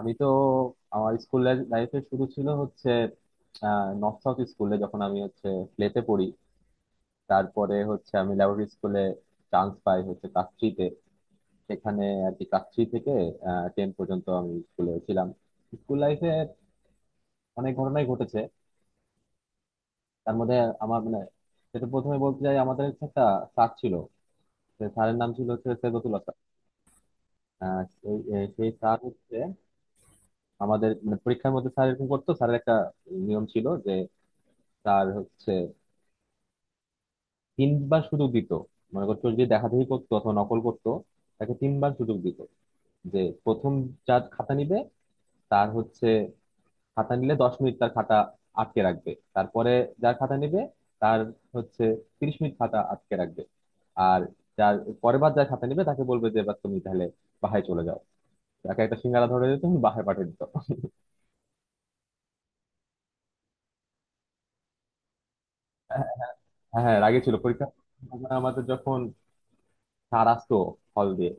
আমি তো আমার স্কুল লাইফে শুরু ছিল হচ্ছে নর্থ সাউথ স্কুলে যখন আমি হচ্ছে প্লেতে পড়ি। তারপরে হচ্ছে আমি ল্যাবরেটরি স্কুলে চান্স পাই হচ্ছে ক্লাস থ্রিতে। সেখানে আর কি ক্লাস থ্রি থেকে টেন পর্যন্ত আমি স্কুলে ছিলাম। স্কুল লাইফে অনেক ঘটনাই ঘটেছে। তার মধ্যে আমার মানে সেটা প্রথমে বলতে চাই, আমাদের হচ্ছে একটা স্যার ছিল, স্যারের নাম ছিল হচ্ছে সেগতুল্লাহ স্যার। সেই সেই স্যার হচ্ছে আমাদের মানে পরীক্ষার মধ্যে স্যার এরকম করতো, স্যারের একটা নিয়ম ছিল যে তার হচ্ছে তিনবার সুযোগ দিত। মনে করতো যদি দেখাদেখি করতো অথবা নকল করতো তাকে তিনবার সুযোগ দিত। যে প্রথম যার খাতা নিবে তার হচ্ছে খাতা নিলে 10 মিনিট তার খাতা আটকে রাখবে। তারপরে যার খাতা নিবে তার হচ্ছে 30 মিনিট খাতা আটকে রাখবে। আর যার পরের বার যার খাতা নিবে তাকে বলবে যে এবার তুমি তাহলে বাহায় চলে যাও। তাকে একটা সিঙ্গারা ধরে দিত, তুমি বাহায় পাঠিয়ে দিত। হ্যাঁ, হ্যাঁ, রাগে ছিল পরীক্ষা। আমাদের যখন স্যার আসতো হল দিয়ে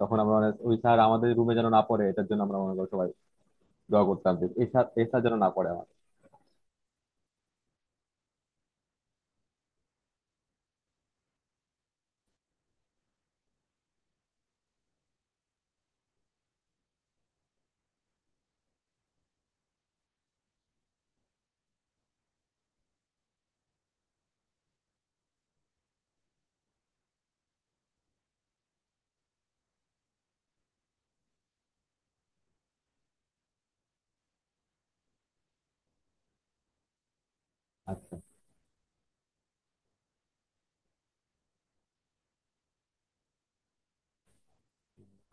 তখন আমরা মানে ওই স্যার আমাদের রুমে যেন না পড়ে এটার জন্য আমরা মনে করো সবাই দোয়া করতাম, যে এই স্যার এই স্যার যেন না পড়ে আমার। আর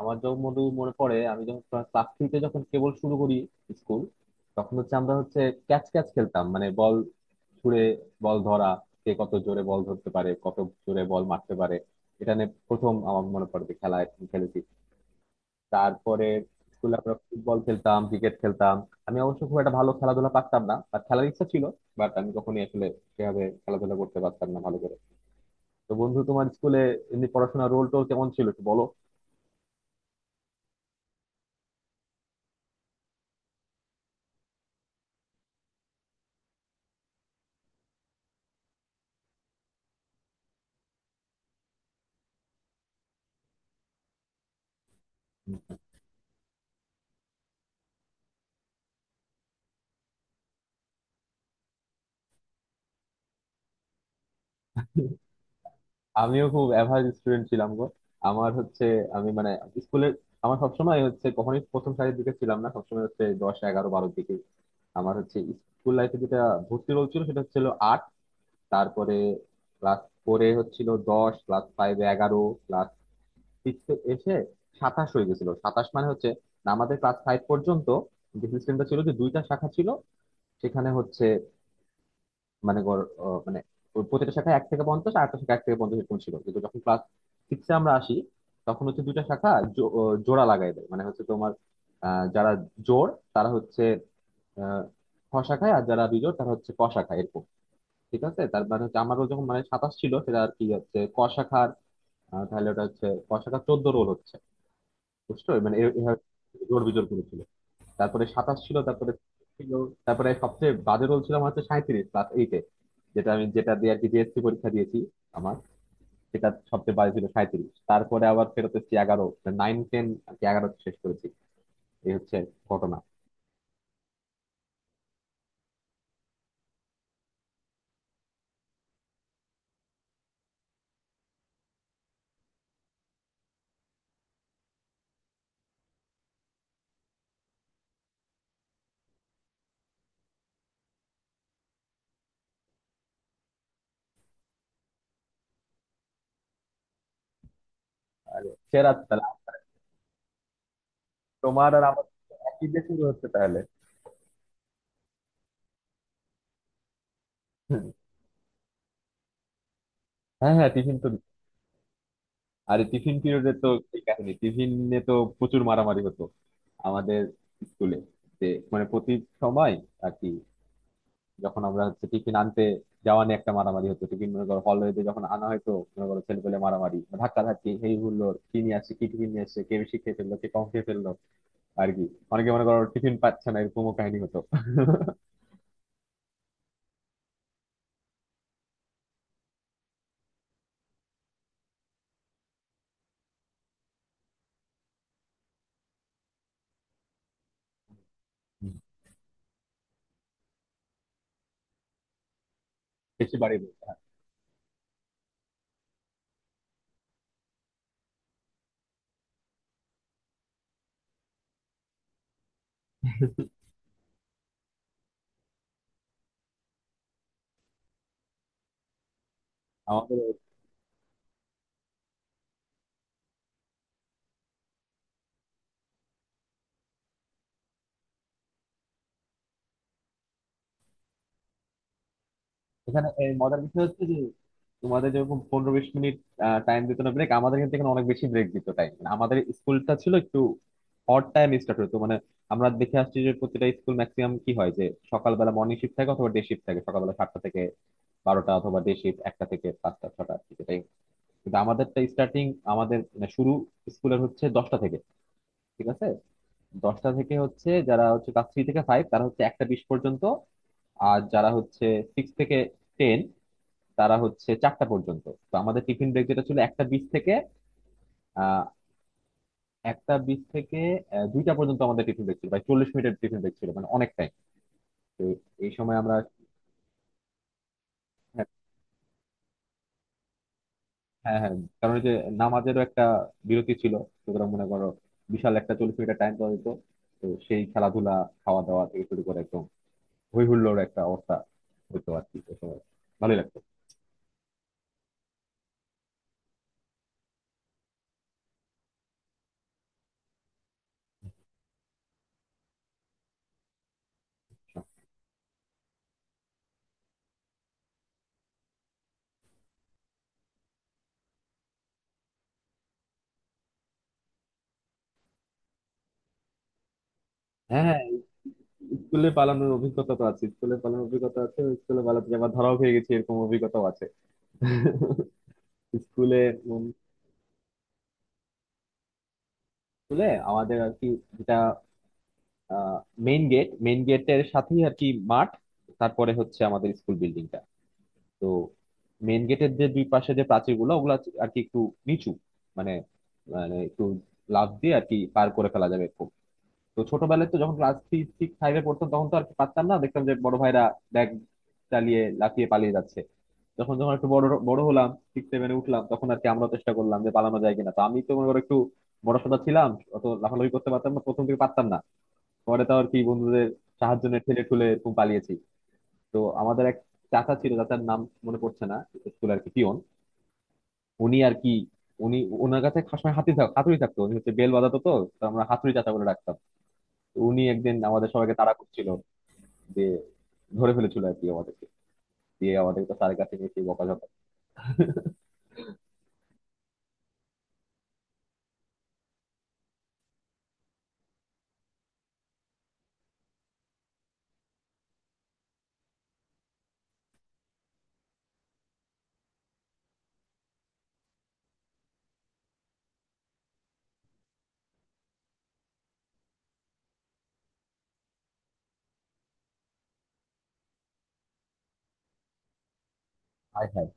আমার যখন মনে মনে পড়ে আমি যখন ক্লাস থ্রিতে যখন কেবল শুরু করি স্কুল, তখন হচ্ছে আমরা হচ্ছে ক্যাচ ক্যাচ খেলতাম মানে বল ছুড়ে বল ধরা, কে কত জোরে বল ধরতে পারে কত জোরে বল মারতে পারে, এটা নিয়ে প্রথম আমার মনে পড়ে যে খেলা খেলেছি। তারপরে স্কুলে আমরা ফুটবল খেলতাম, ক্রিকেট খেলতাম। আমি অবশ্য খুব একটা ভালো খেলাধুলা পারতাম না, আর খেলার ইচ্ছা ছিল, বাট আমি কখনোই আসলে সেভাবে খেলাধুলা করতে পারতাম না ভালো করে। তো বন্ধু তোমার স্কুলে এমনি পড়াশোনার রোল টোল কেমন ছিল একটু বলো। আমিও খুব অ্যাভারেজ স্টুডেন্ট ছিলাম গো। আমার হচ্ছে আমি মানে স্কুলে আমার সবসময় হচ্ছে কখনোই প্রথম সারির দিকে ছিলাম না, সবসময় হচ্ছে 10, 11, 12-এর দিকে। আমার হচ্ছে স্কুল লাইফে যেটা ভর্তি রোল ছিল সেটা হচ্ছিল 8। তারপরে ক্লাস ফোরে হচ্ছিল 10, ক্লাস ফাইভে 11, ক্লাস সিক্সে এসে 27 হয়ে গেছিল। 27 মানে হচ্ছে আমাদের ক্লাস ফাইভ পর্যন্ত যে সিস্টেমটা ছিল যে দুইটা শাখা ছিল সেখানে হচ্ছে মানে গড়, মানে ওই প্রতিটা শাখায় 1 থেকে 50 আর একটা শাখা 1 থেকে 50 এরকম ছিল। কিন্তু যখন ক্লাস সিক্সে আমরা আসি তখন হচ্ছে দুইটা শাখা জোড়া লাগাই দেয়, মানে হচ্ছে তোমার যারা জোড় তারা হচ্ছে আহ, খ শাখায়, আর যারা বিজোড় তারা হচ্ছে ক শাখায়, এরকম ঠিক আছে। তার মানে হচ্ছে আমারও যখন মানে 27 ছিল সেটা আর কি হচ্ছে ক শাখার, তাহলে ওটা হচ্ছে ক শাখা 14 রোল হচ্ছে। বুঝছো মানে এভাবে জোর বিজোর করেছিল। তারপরে 27 ছিল, তারপরে ছিল, তারপরে সবচেয়ে বাজে রোল ছিল আমার হচ্ছে 37, ক্লাস এইটে, যেটা আমি যেটা দিয়ে আর কি জিএসসি পরীক্ষা দিয়েছি আমার, সেটা সবচেয়ে বাজে ছিল 37। তারপরে আবার ফেরত এসেছি 11, নাইন টেন আর কি 11 শেষ করেছি। এই হচ্ছে ঘটনা। সেরা তাহলে, তোমার আর আমার একই দিয়ে শুরু হচ্ছে তাহলে। হুম। হ্যাঁ হ্যাঁ, টিফিন তো। আরে টিফিন পিরিয়ডে তো এই কাহিনী, টিফিনে তো প্রচুর মারামারি হতো আমাদের স্কুলে। যে মানে প্রতি সময় আর কি যখন আমরা হচ্ছে টিফিন আনতে যাওয়া নিয়ে একটা মারামারি হতো। টিফিন মনে করো হলওয়েতে যখন আনা হয়তো মনে করো ছেলে পেলে মারামারি, ধাক্কা ধাক্কি, এই হুল্লোড়, কি নিয়ে আসছে, কি টিফিন নিয়ে আসছে, কে বেশি খেয়ে ফেললো, কে কম খেয়ে ফেললো, আর কি অনেকে মনে করো টিফিন পাচ্ছে না, এরকমও কাহিনী হতো। বেশি বাড়িয়ে দিত। আমাদের এখানে এই মজার বিষয় হচ্ছে যে তোমাদের যেরকম 15-20 মিনিট টাইম দিত না ব্রেক, আমাদের কিন্তু এখানে অনেক বেশি ব্রেক দিত টাইম। আমাদের স্কুলটা ছিল একটু অড টাইম, স্টার্ট হতো মানে আমরা দেখে আসছি যে প্রতিটা স্কুল ম্যাক্সিমাম কি হয় যে সকালবেলা মর্নিং শিফট থাকে অথবা ডে শিফট থাকে, সকালবেলা 7টা থেকে 12টা অথবা ডে শিফট 1টা থেকে 5টা 6টা, ঠিক এটাই। কিন্তু আমাদেরটা স্টার্টিং আমাদের মানে শুরু স্কুলের হচ্ছে 10টা থেকে, ঠিক আছে 10টা থেকে হচ্ছে যারা হচ্ছে ক্লাস থ্রি থেকে ফাইভ তারা হচ্ছে 1টা 20 পর্যন্ত, আর যারা হচ্ছে সিক্স থেকে টেন তারা হচ্ছে 4টা পর্যন্ত। তো আমাদের টিফিন ব্রেক যেটা ছিল 1টা 20 থেকে আহ একটা বিশ থেকে 2টা পর্যন্ত আমাদের টিফিন ব্রেক ছিল, প্রায় 40 মিনিটের টিফিন ব্রেক ছিল, মানে অনেক টাইম। তো এই সময় আমরা, হ্যাঁ হ্যাঁ, কারণ ওই যে নামাজেরও একটা বিরতি ছিল, সুতরাং মনে করো বিশাল একটা 40 মিনিটের টাইম পাওয়া যেত। তো সেই খেলাধুলা, খাওয়া দাওয়া থেকে শুরু করে একদম হই হুল্লোড় একটা অবস্থা হতো আর কি ওই সময়, ভালোই লাগতো। হ্যাঁ হ্যাঁ, স্কুলে পালানোর অভিজ্ঞতা তো আছে, স্কুলে পালানোর অভিজ্ঞতা আছে, স্কুলে পালাতে যে আবার ধরাও খেয়ে গেছি এরকম অভিজ্ঞতাও আছে স্কুলে। উম, স্কুলে আমাদের আর কি যেটা মেইন গেট, মেইন গেটের সাথেই আর কি মাঠ, তারপরে হচ্ছে আমাদের স্কুল বিল্ডিং। তো মেন গেটের যে দুই পাশে যে প্রাচীরগুলো ওগুলো আর কি একটু নিচু, মানে মানে একটু লাফ দিয়ে আর কি পার করে ফেলা যাবে খুব। তো ছোটবেলায় তো যখন ক্লাস থ্রি সিক্স ফাইভে পড়তাম তখন তো আর কি পারতাম না, দেখতাম যে বড় ভাইরা ব্যাগ চালিয়ে লাফিয়ে পালিয়ে যাচ্ছে। যখন যখন একটু বড় বড় হলাম, সিক্স সেভেনে উঠলাম, তখন আর কি আমরা চেষ্টা করলাম যে পালানো যায় কিনা। তো আমি তো মনে করো একটু বড়সড় ছিলাম, অত লাফালাফি করতে পারতাম না, প্রথম থেকে পারতাম না। পরে তো আর কি বন্ধুদের সাহায্য নিয়ে ঠেলে ঠুলে এরকম পালিয়েছি। তো আমাদের এক চাচা ছিল, চাচার নাম মনে পড়ছে না, স্কুল আর কি পিয়ন। উনি আর কি উনি ওনার কাছে সবসময় হাতি থাক হাতুড়ি থাকতো, উনি হচ্ছে বেল বাজাতো, তো তো আমরা হাতুড়ি চাচা বলে ডাকতাম। তো উনি একদিন আমাদের সবাইকে তাড়া করছিল, যে ধরে ফেলেছিল আর কি আমাদেরকে, দিয়ে আমাদেরকে স্যারের কাছে নিয়ে সেই বকাঝকা। হাই হাই।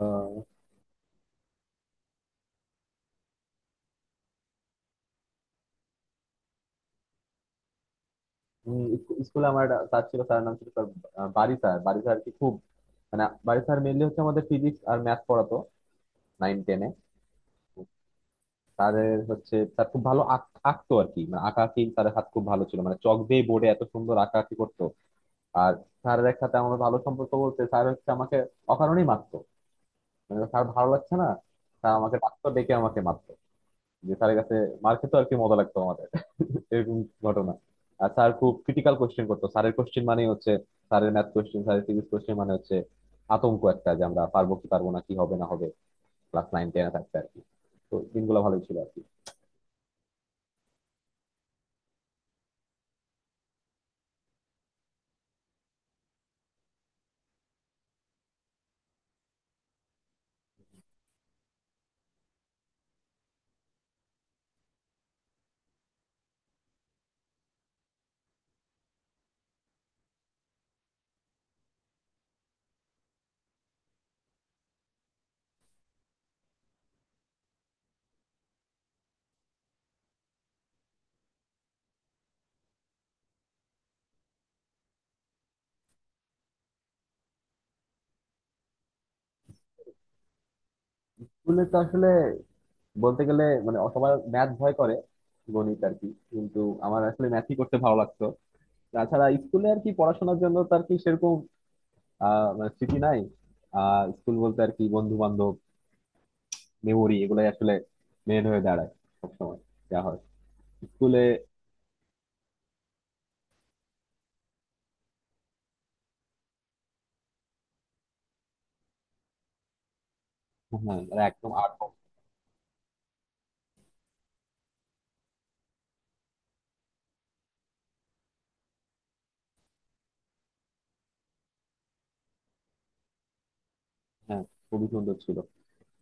আহ, স্কুলে আমার একটা স্যার ছিল, স্যারের নাম ছিল sir Bari sir. Bari sir কি খুব মানে বারি স্যার মেনলি হচ্ছে আমাদের ফিজিক্স আর ম্যাথ পড়াতো নাইন টেনে। তাদের হচ্ছে তার খুব ভালো আঁক আঁকতো আর কি, মানে আঁকাআঁকি, তাদের হাত খুব ভালো ছিল, মানে চক দিয়ে বোর্ডে এত সুন্দর আঁকাআঁকি করতো। আর স্যারের এক সাথে আমার ভালো সম্পর্ক বলতে, স্যার হচ্ছে আমাকে অকারণেই মারতো, মানে স্যার ভালো লাগছে না স্যার, আমাকে ডাকতো, ডেকে আমাকে মারতো। যে স্যারের কাছে মার খেতে আর কি মজা লাগতো আমাদের। এরকম ঘটনা। আর স্যার খুব ক্রিটিক্যাল কোশ্চেন করতো, স্যারের কোশ্চেন মানে হচ্ছে স্যারের ম্যাথ কোশ্চেন, স্যারের ফিজিক্স কোশ্চেন মানে হচ্ছে আতঙ্ক একটা, যে আমরা পারবো কি পারবো না, কি হবে না হবে, ক্লাস নাইন টেনে থাকতে আর কি। তো দিনগুলো ভালোই ছিল আর কি। স্কুলে তো আসলে বলতে গেলে মানে সবার ম্যাথ ভয় করে, গণিত আর কি, কিন্তু আমার আসলে ম্যাথই করতে ভালো লাগতো। তাছাড়া স্কুলে আর কি পড়াশোনার জন্য তো আর কি সেরকম মানে স্মৃতি নাই। স্কুল বলতে আর কি বন্ধু বান্ধব, মেমোরি, এগুলাই আসলে মেন হয়ে দাঁড়ায় সবসময় যা হয় স্কুলে। হ্যাঁ মানে একদম আর্ট। হ্যাঁ খুবই সুন্দর ছিল,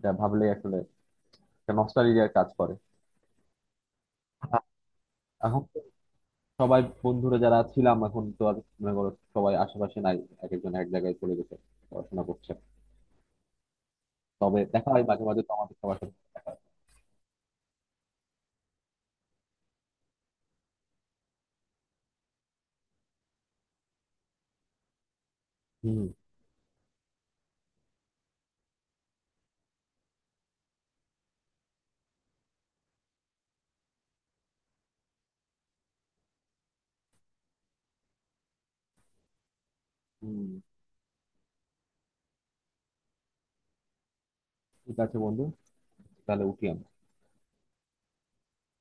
যা ভাবলে আসলে একটা নস্টালজিয়ার কাজ করে। এখন তো সবাই বন্ধুরা যারা ছিলাম এখন তো আর মনে করো সবাই আশেপাশে নাই, এক একজন এক জায়গায় চলে গেছে পড়াশোনা করছে। তবে দেখা হয় মাঝে মাঝে তো আমাদের সবার সাথে। হুম, হুম। ঠিক আছে বন্ধু, তাহলে উঠি আমি।